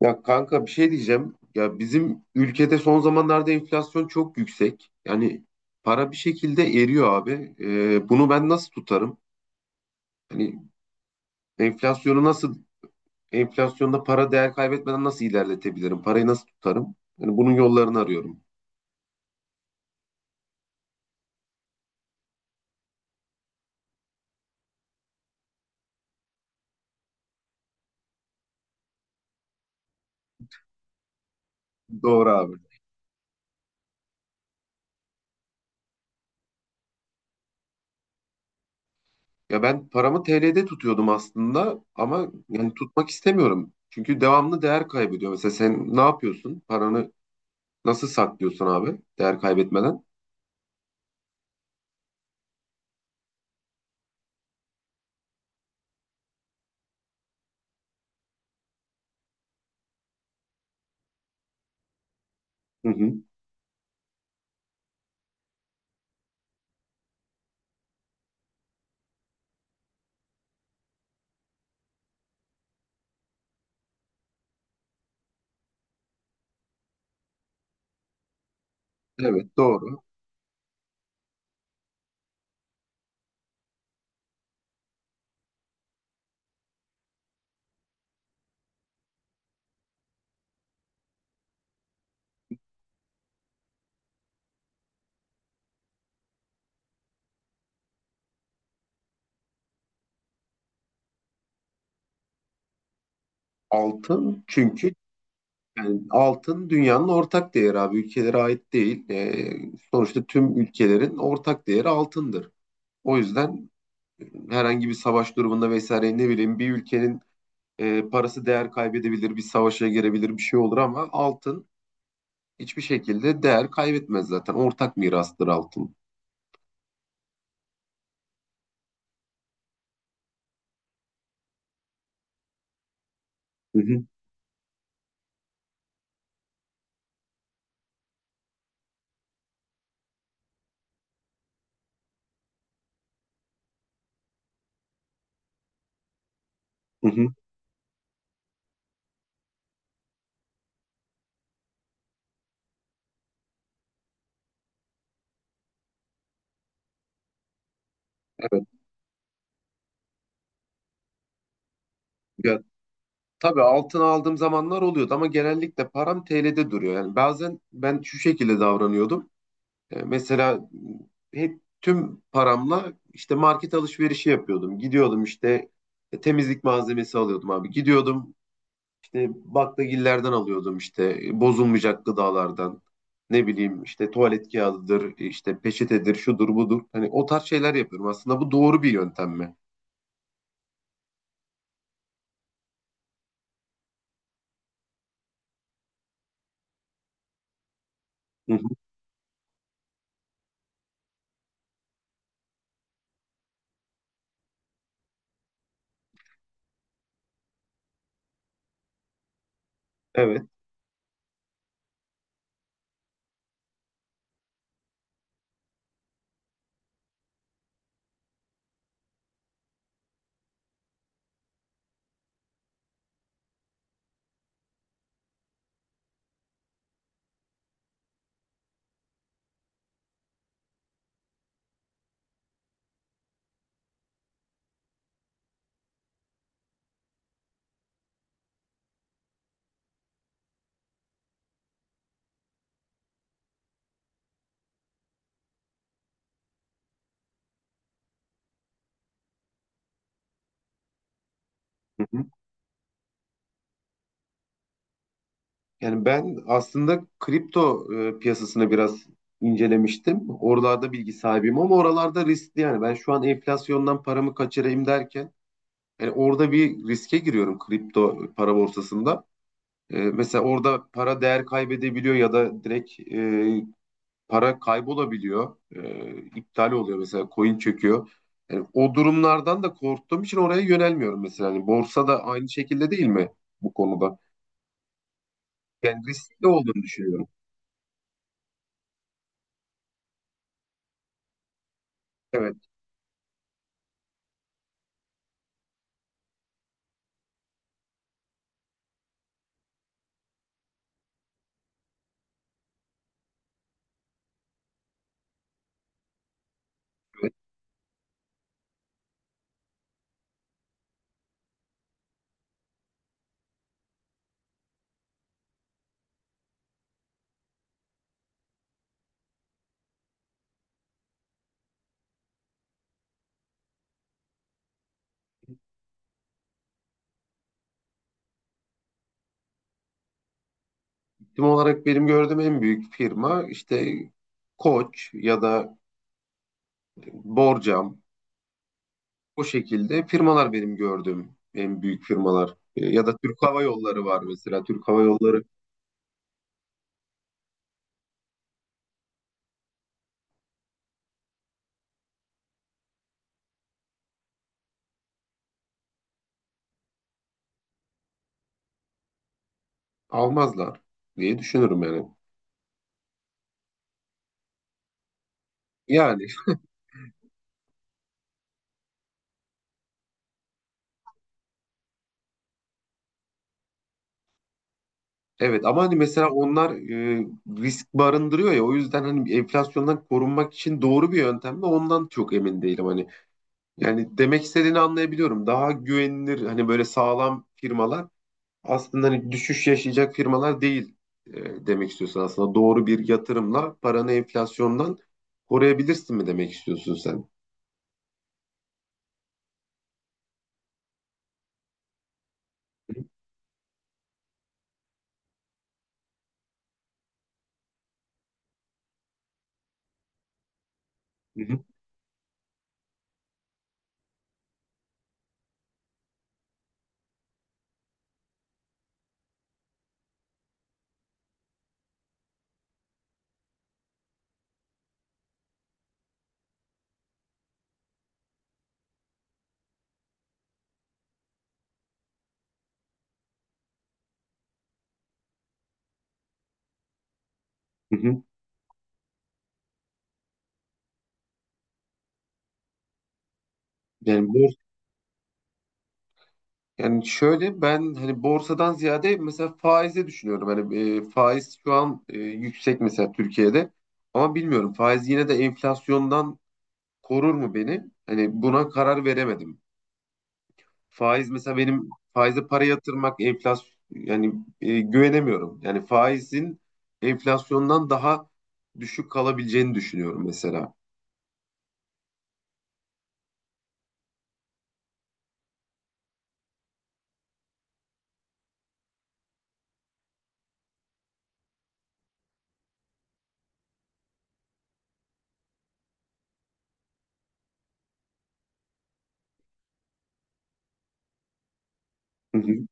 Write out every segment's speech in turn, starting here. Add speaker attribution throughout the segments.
Speaker 1: Ya kanka bir şey diyeceğim. Ya bizim ülkede son zamanlarda enflasyon çok yüksek. Yani para bir şekilde eriyor abi. Bunu ben nasıl tutarım? Hani enflasyonu nasıl, enflasyonda para değer kaybetmeden nasıl ilerletebilirim? Parayı nasıl tutarım? Yani bunun yollarını arıyorum. Doğru abi. Ya ben paramı TL'de tutuyordum aslında ama yani tutmak istemiyorum. Çünkü devamlı değer kaybediyor. Mesela sen ne yapıyorsun? Paranı nasıl saklıyorsun abi değer kaybetmeden? Hı hı. Evet doğru. Altın çünkü yani altın dünyanın ortak değeri abi. Ülkelere ait değil. Sonuçta tüm ülkelerin ortak değeri altındır. O yüzden herhangi bir savaş durumunda vesaire ne bileyim bir ülkenin parası değer kaybedebilir, bir savaşa girebilir bir şey olur ama altın hiçbir şekilde değer kaybetmez zaten. Ortak mirastır altın. Hı hı, hı hı. Evet. Ya, tabii altın aldığım zamanlar oluyordu ama genellikle param TL'de duruyor. Yani bazen ben şu şekilde davranıyordum. Mesela hep tüm paramla işte market alışverişi yapıyordum. Gidiyordum işte temizlik malzemesi alıyordum abi. Gidiyordum işte baklagillerden alıyordum işte bozulmayacak gıdalardan. Ne bileyim işte tuvalet kağıdıdır, işte peçetedir, şudur budur. Hani o tarz şeyler yapıyorum. Aslında bu doğru bir yöntem mi? Hı hı. Evet. Yani ben aslında kripto piyasasını biraz incelemiştim. Oralarda bilgi sahibiyim ama oralarda riskli yani. Ben şu an enflasyondan paramı kaçırayım derken yani orada bir riske giriyorum kripto para borsasında. Mesela orada para değer kaybedebiliyor ya da direkt para kaybolabiliyor. İptal oluyor mesela coin çöküyor. Yani o durumlardan da korktuğum için oraya yönelmiyorum mesela. Yani borsa da aynı şekilde değil mi bu konuda? Yani riskli olduğunu düşünüyorum. Evet, evet. Firma olarak benim gördüğüm en büyük firma işte Koç ya da Borcam. O şekilde firmalar benim gördüğüm en büyük firmalar. Ya da Türk Hava Yolları var mesela. Türk Hava Yolları almazlar diye düşünürüm yani. Yani evet ama hani mesela onlar risk barındırıyor ya o yüzden hani enflasyondan korunmak için doğru bir yöntem mi ondan çok emin değilim hani. Yani demek istediğini anlayabiliyorum. Daha güvenilir hani böyle sağlam firmalar aslında hani düşüş yaşayacak firmalar değil demek istiyorsun aslında. Doğru bir yatırımla paranı enflasyondan koruyabilirsin mi demek istiyorsun sen? Hı hı, hı hı. Yani bors Yani şöyle ben hani borsadan ziyade mesela faize düşünüyorum. Hani faiz şu an yüksek mesela Türkiye'de. Ama bilmiyorum faiz yine de enflasyondan korur mu beni? Hani buna karar veremedim. Faiz mesela benim Faize para yatırmak enflasyon yani güvenemiyorum. Yani faizin enflasyondan daha düşük kalabileceğini düşünüyorum mesela. Hı hı.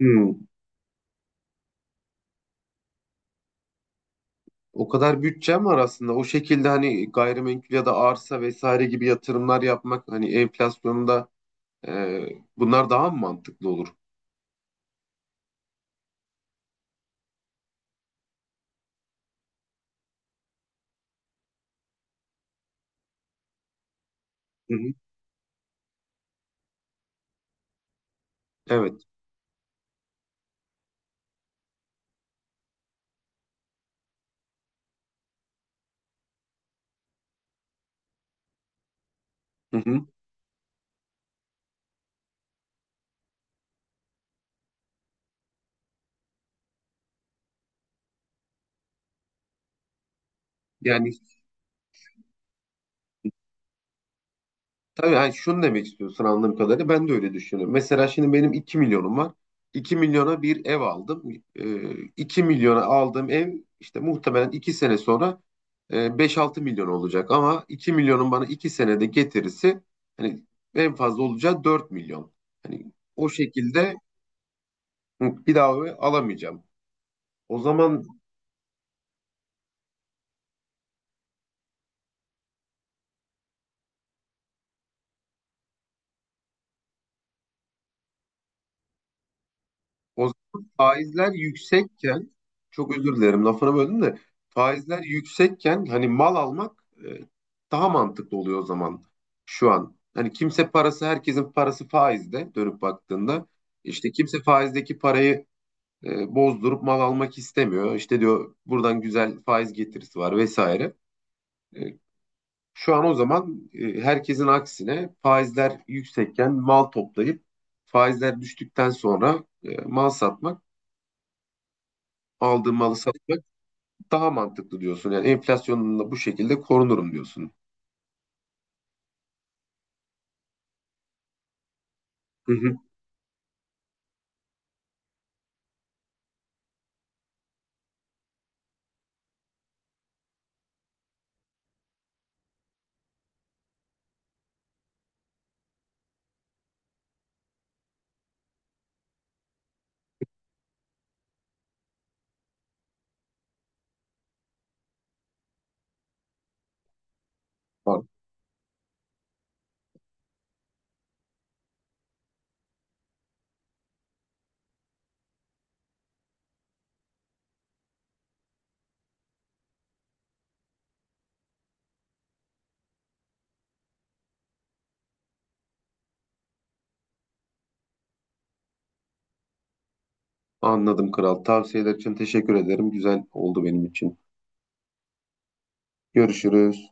Speaker 1: Hmm. O kadar bütçem var aslında. O şekilde hani gayrimenkul ya da arsa vesaire gibi yatırımlar yapmak hani enflasyonda e, bunlar daha mı mantıklı olur? Hı hı. Evet. Hı hı. Yani Tabii hani şunu demek istiyorsun anladığım kadarıyla ben de öyle düşünüyorum. Mesela şimdi benim 2 milyonum var. 2 milyona bir ev aldım. 2 milyona aldığım ev işte muhtemelen 2 sene sonra 5-6 milyon olacak. Ama 2 milyonun bana 2 senede getirisi hani en fazla olacağı 4 milyon. Hani o şekilde hı, bir daha o evi alamayacağım. O zaman O zaman faizler yüksekken çok özür dilerim lafını böldüm de faizler yüksekken hani mal almak daha mantıklı oluyor o zaman şu an. Hani kimse parası herkesin parası faizde dönüp baktığında işte kimse faizdeki parayı bozdurup mal almak istemiyor. İşte diyor buradan güzel faiz getirisi var vesaire. E, Şu an o zaman herkesin aksine faizler yüksekken mal toplayıp faizler düştükten sonra mal satmak aldığım malı satmak daha mantıklı diyorsun. Yani enflasyonla bu şekilde korunurum diyorsun. Hı hı. An- Anladım kral. Tavsiyeler için teşekkür ederim. Güzel oldu benim için. Görüşürüz.